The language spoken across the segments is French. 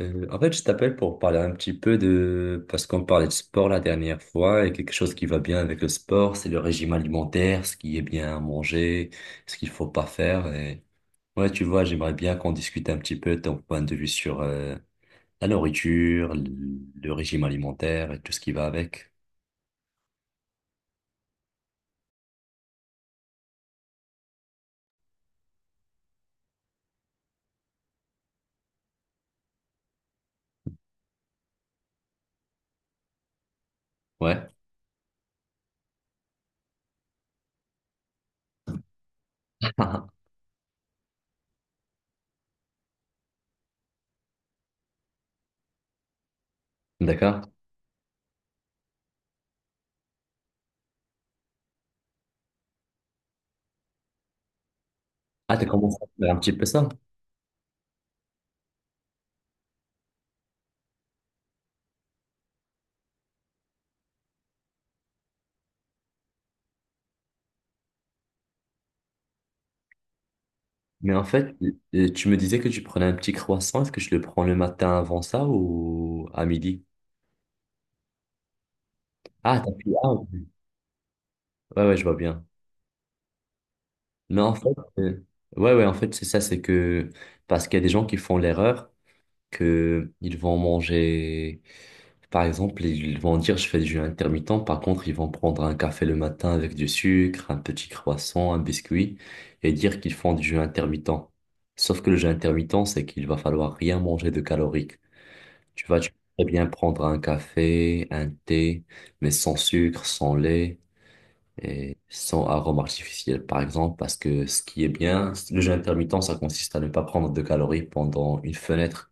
En fait, je t'appelle pour parler un petit peu Parce qu'on parlait de sport la dernière fois, et quelque chose qui va bien avec le sport, c'est le régime alimentaire, ce qui est bien à manger, ce qu'il faut pas faire. Ouais, tu vois, j'aimerais bien qu'on discute un petit peu de ton point de vue sur la nourriture, le régime alimentaire et tout ce qui va avec. Ouais. D'accord. Ah, t'as commencé à faire un petit peu ça. Mais en fait, tu me disais que tu prenais un petit croissant. Est-ce que je le prends le matin avant ça ou à midi? Ah, t'as pris. Ah, ok. Ouais, ouais, je vois bien. Mais en fait, euh, ouais, ouais, en fait, c'est ça, c'est que parce qu'il y a des gens qui font l'erreur que ils vont manger, par exemple, ils vont dire je fais du jeûne intermittent, par contre, ils vont prendre un café le matin avec du sucre, un petit croissant, un biscuit et dire qu'ils font du jeûne intermittent. Sauf que le jeûne intermittent, c'est qu'il va falloir rien manger de calorique. Tu vois, tu peux très bien prendre un café, un thé, mais sans sucre, sans lait, et sans arôme artificiel, par exemple, parce que ce qui est bien, le jeûne intermittent, ça consiste à ne pas prendre de calories pendant une fenêtre.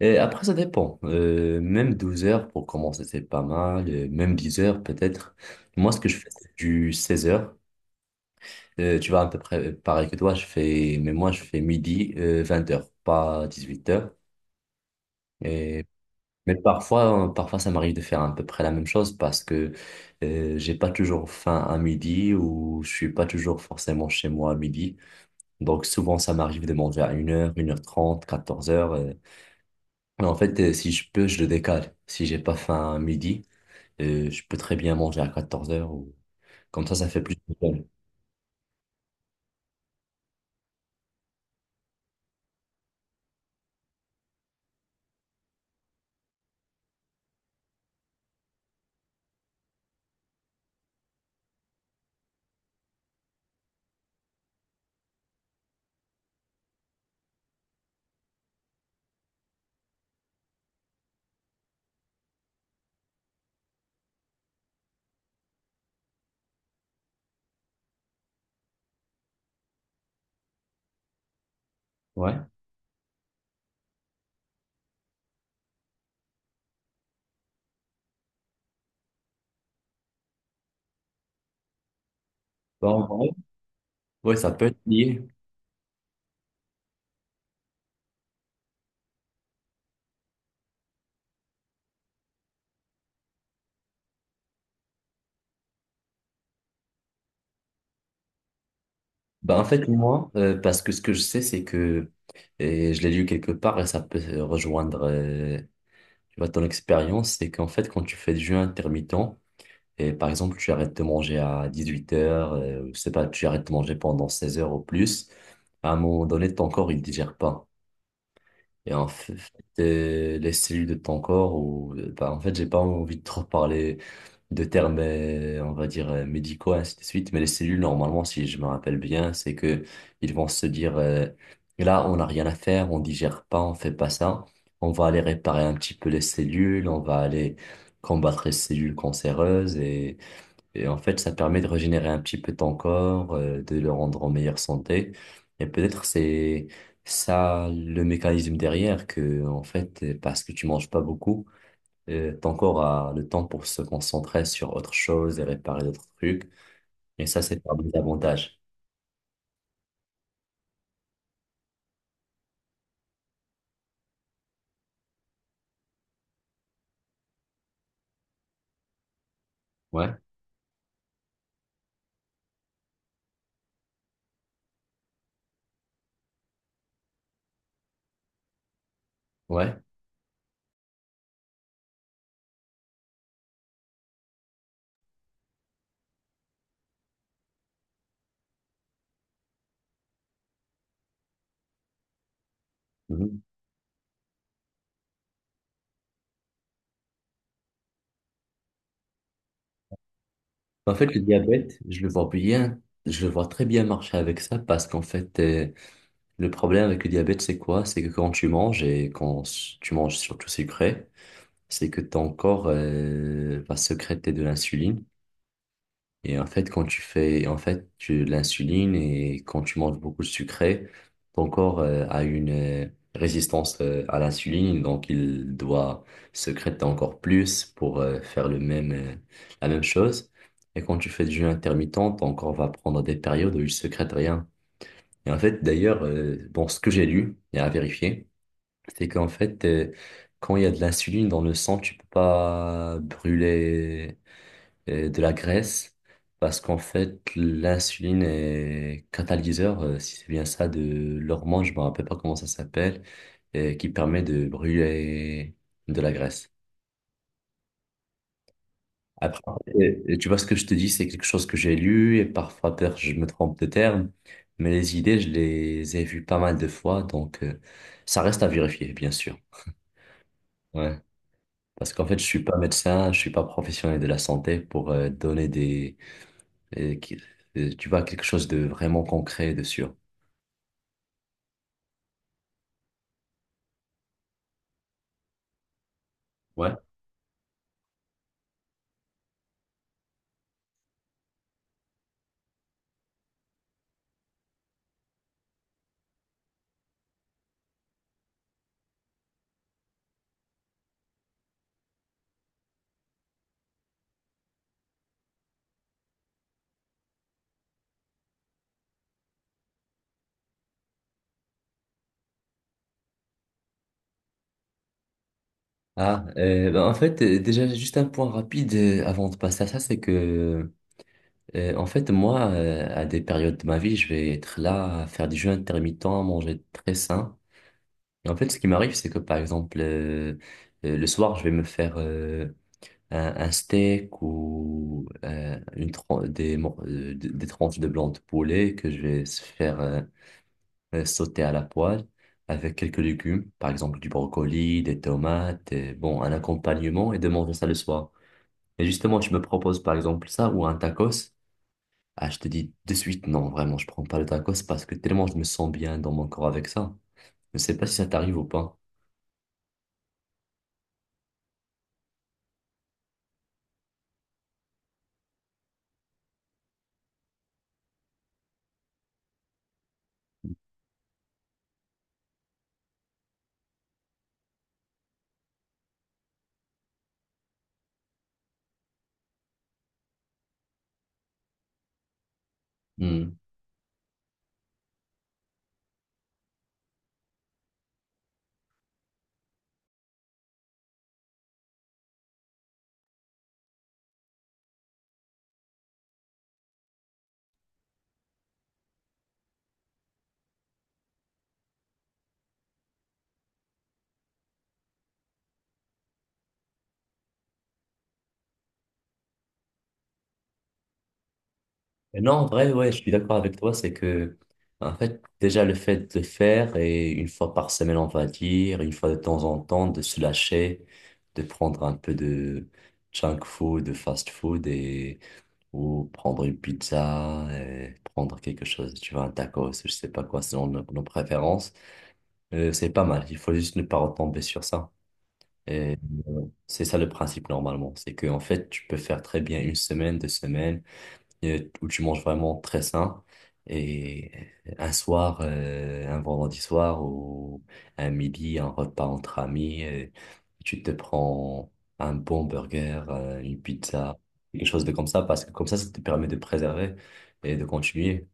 Et après, ça dépend. Même 12 heures pour commencer, c'est pas mal. Même 10 heures, peut-être. Moi, ce que je fais, c'est du 16 heures. Tu vois, à peu près pareil que toi, je fais, mais moi, je fais midi, 20h heures, pas 18 heures. Et Mais parfois ça m'arrive de faire à peu près la même chose parce que j'ai pas toujours faim à midi ou je suis pas toujours forcément chez moi à midi. Donc souvent ça m'arrive de manger à 1 heure, 1 heure 30, 14 heures . Mais en fait, si je peux, je le décale. Si j'ai pas faim à midi, je peux très bien manger à 14 heures ou comme ça fait plus de temps. Ouais. Bah, en vrai, ouais, ça peut être lié. Bah, en fait, moi, parce que ce que je sais, c'est que et je l'ai lu quelque part et ça peut rejoindre, tu vois, ton expérience, c'est qu'en fait, quand tu fais du jeûne intermittent, et par exemple, tu arrêtes de manger à 18h, je sais pas, tu arrêtes de manger pendant 16 heures ou plus, à un moment donné, ton corps, il digère pas. Et en fait, les cellules de ton corps, ou, bah, en fait, j'ai pas envie de trop parler de termes, on va dire, médicaux, ainsi de suite. Mais les cellules, normalement, si je me rappelle bien, c'est que ils vont se dire, là, on n'a rien à faire, on digère pas, on fait pas ça. On va aller réparer un petit peu les cellules, on va aller combattre les cellules cancéreuses et en fait, ça permet de régénérer un petit peu ton corps, de le rendre en meilleure santé. Et peut-être c'est ça le mécanisme derrière que, en fait, parce que tu manges pas beaucoup, ton corps a le temps pour se concentrer sur autre chose et réparer d'autres trucs. Et ça, c'est parmi les avantages. Ouais, ouais. Mhm. En fait, le diabète, je le vois bien, je le vois très bien marcher avec ça parce qu'en fait, le problème avec le diabète, c'est quoi? C'est que quand tu manges et tu manges surtout sucré, c'est que ton corps, va sécréter de l'insuline. Et en fait, quand tu fais, en fait, tu l'insuline et quand tu manges beaucoup de sucré, ton corps a une résistance à l'insuline, donc il doit sécréter encore plus pour faire la même chose. Et quand tu fais du jeûne intermittent, ton corps va prendre des périodes où il sécrète rien. Et en fait, d'ailleurs, bon, ce que j'ai lu et à vérifier, c'est qu'en fait, quand il y a de l'insuline dans le sang, tu peux pas brûler de la graisse parce qu'en fait, l'insuline est catalyseur, si c'est bien ça, de l'hormone, je ne me rappelle pas comment ça s'appelle, qui permet de brûler de la graisse. Après, tu vois ce que je te dis, c'est quelque chose que j'ai lu et parfois peut-être je me trompe de terme, mais les idées, je les ai vues pas mal de fois, donc ça reste à vérifier, bien sûr. Ouais. Parce qu'en fait, je suis pas médecin, je suis pas professionnel de la santé pour donner des et qui- tu vois, quelque chose de vraiment concret, de sûr. Ouais. Ah, ben, en fait, déjà, juste un point rapide avant de passer à ça, c'est que, en fait, moi, à des périodes de ma vie, je vais être là à faire du jeûne intermittent, à manger très sain. Et en fait, ce qui m'arrive, c'est que, par exemple, le soir, je vais me faire un steak ou une tran- des, mor- des tranches de blanc de poulet que je vais se faire sauté à la poêle avec quelques légumes, par exemple du brocoli, des tomates, et, bon, un accompagnement et de manger ça le soir. Et justement, tu me proposes par exemple ça ou un tacos. Ah, je te dis de suite, non, vraiment, je prends pas le tacos parce que tellement je me sens bien dans mon corps avec ça. Je ne sais pas si ça t'arrive ou pas. Hmm. Et non, en vrai, ouais, je suis d'accord avec toi, c'est que, en fait, déjà le fait de faire, et une fois par semaine, on va dire, une fois de temps en temps, de se lâcher, de prendre un peu de junk food, de fast food, et, ou prendre une pizza, et prendre quelque chose, tu vois, un tacos, je sais pas quoi, selon nos, nos préférences, c'est pas mal, il faut juste ne pas retomber sur ça. Et c'est ça le principe normalement, c'est que, en fait, tu peux faire très bien une semaine, deux semaines, où tu manges vraiment très sain. Et un soir, un vendredi soir ou un midi, un repas entre amis, et tu te prends un bon burger, une pizza, quelque chose de comme ça, parce que comme ça te permet de préserver et de continuer.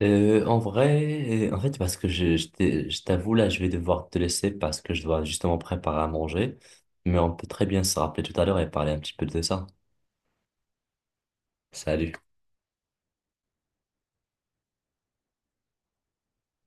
En vrai, en fait, parce que je t'avoue, là, je vais devoir te laisser parce que je dois justement préparer à manger, mais on peut très bien se rappeler tout à l'heure et parler un petit peu de ça. Salut.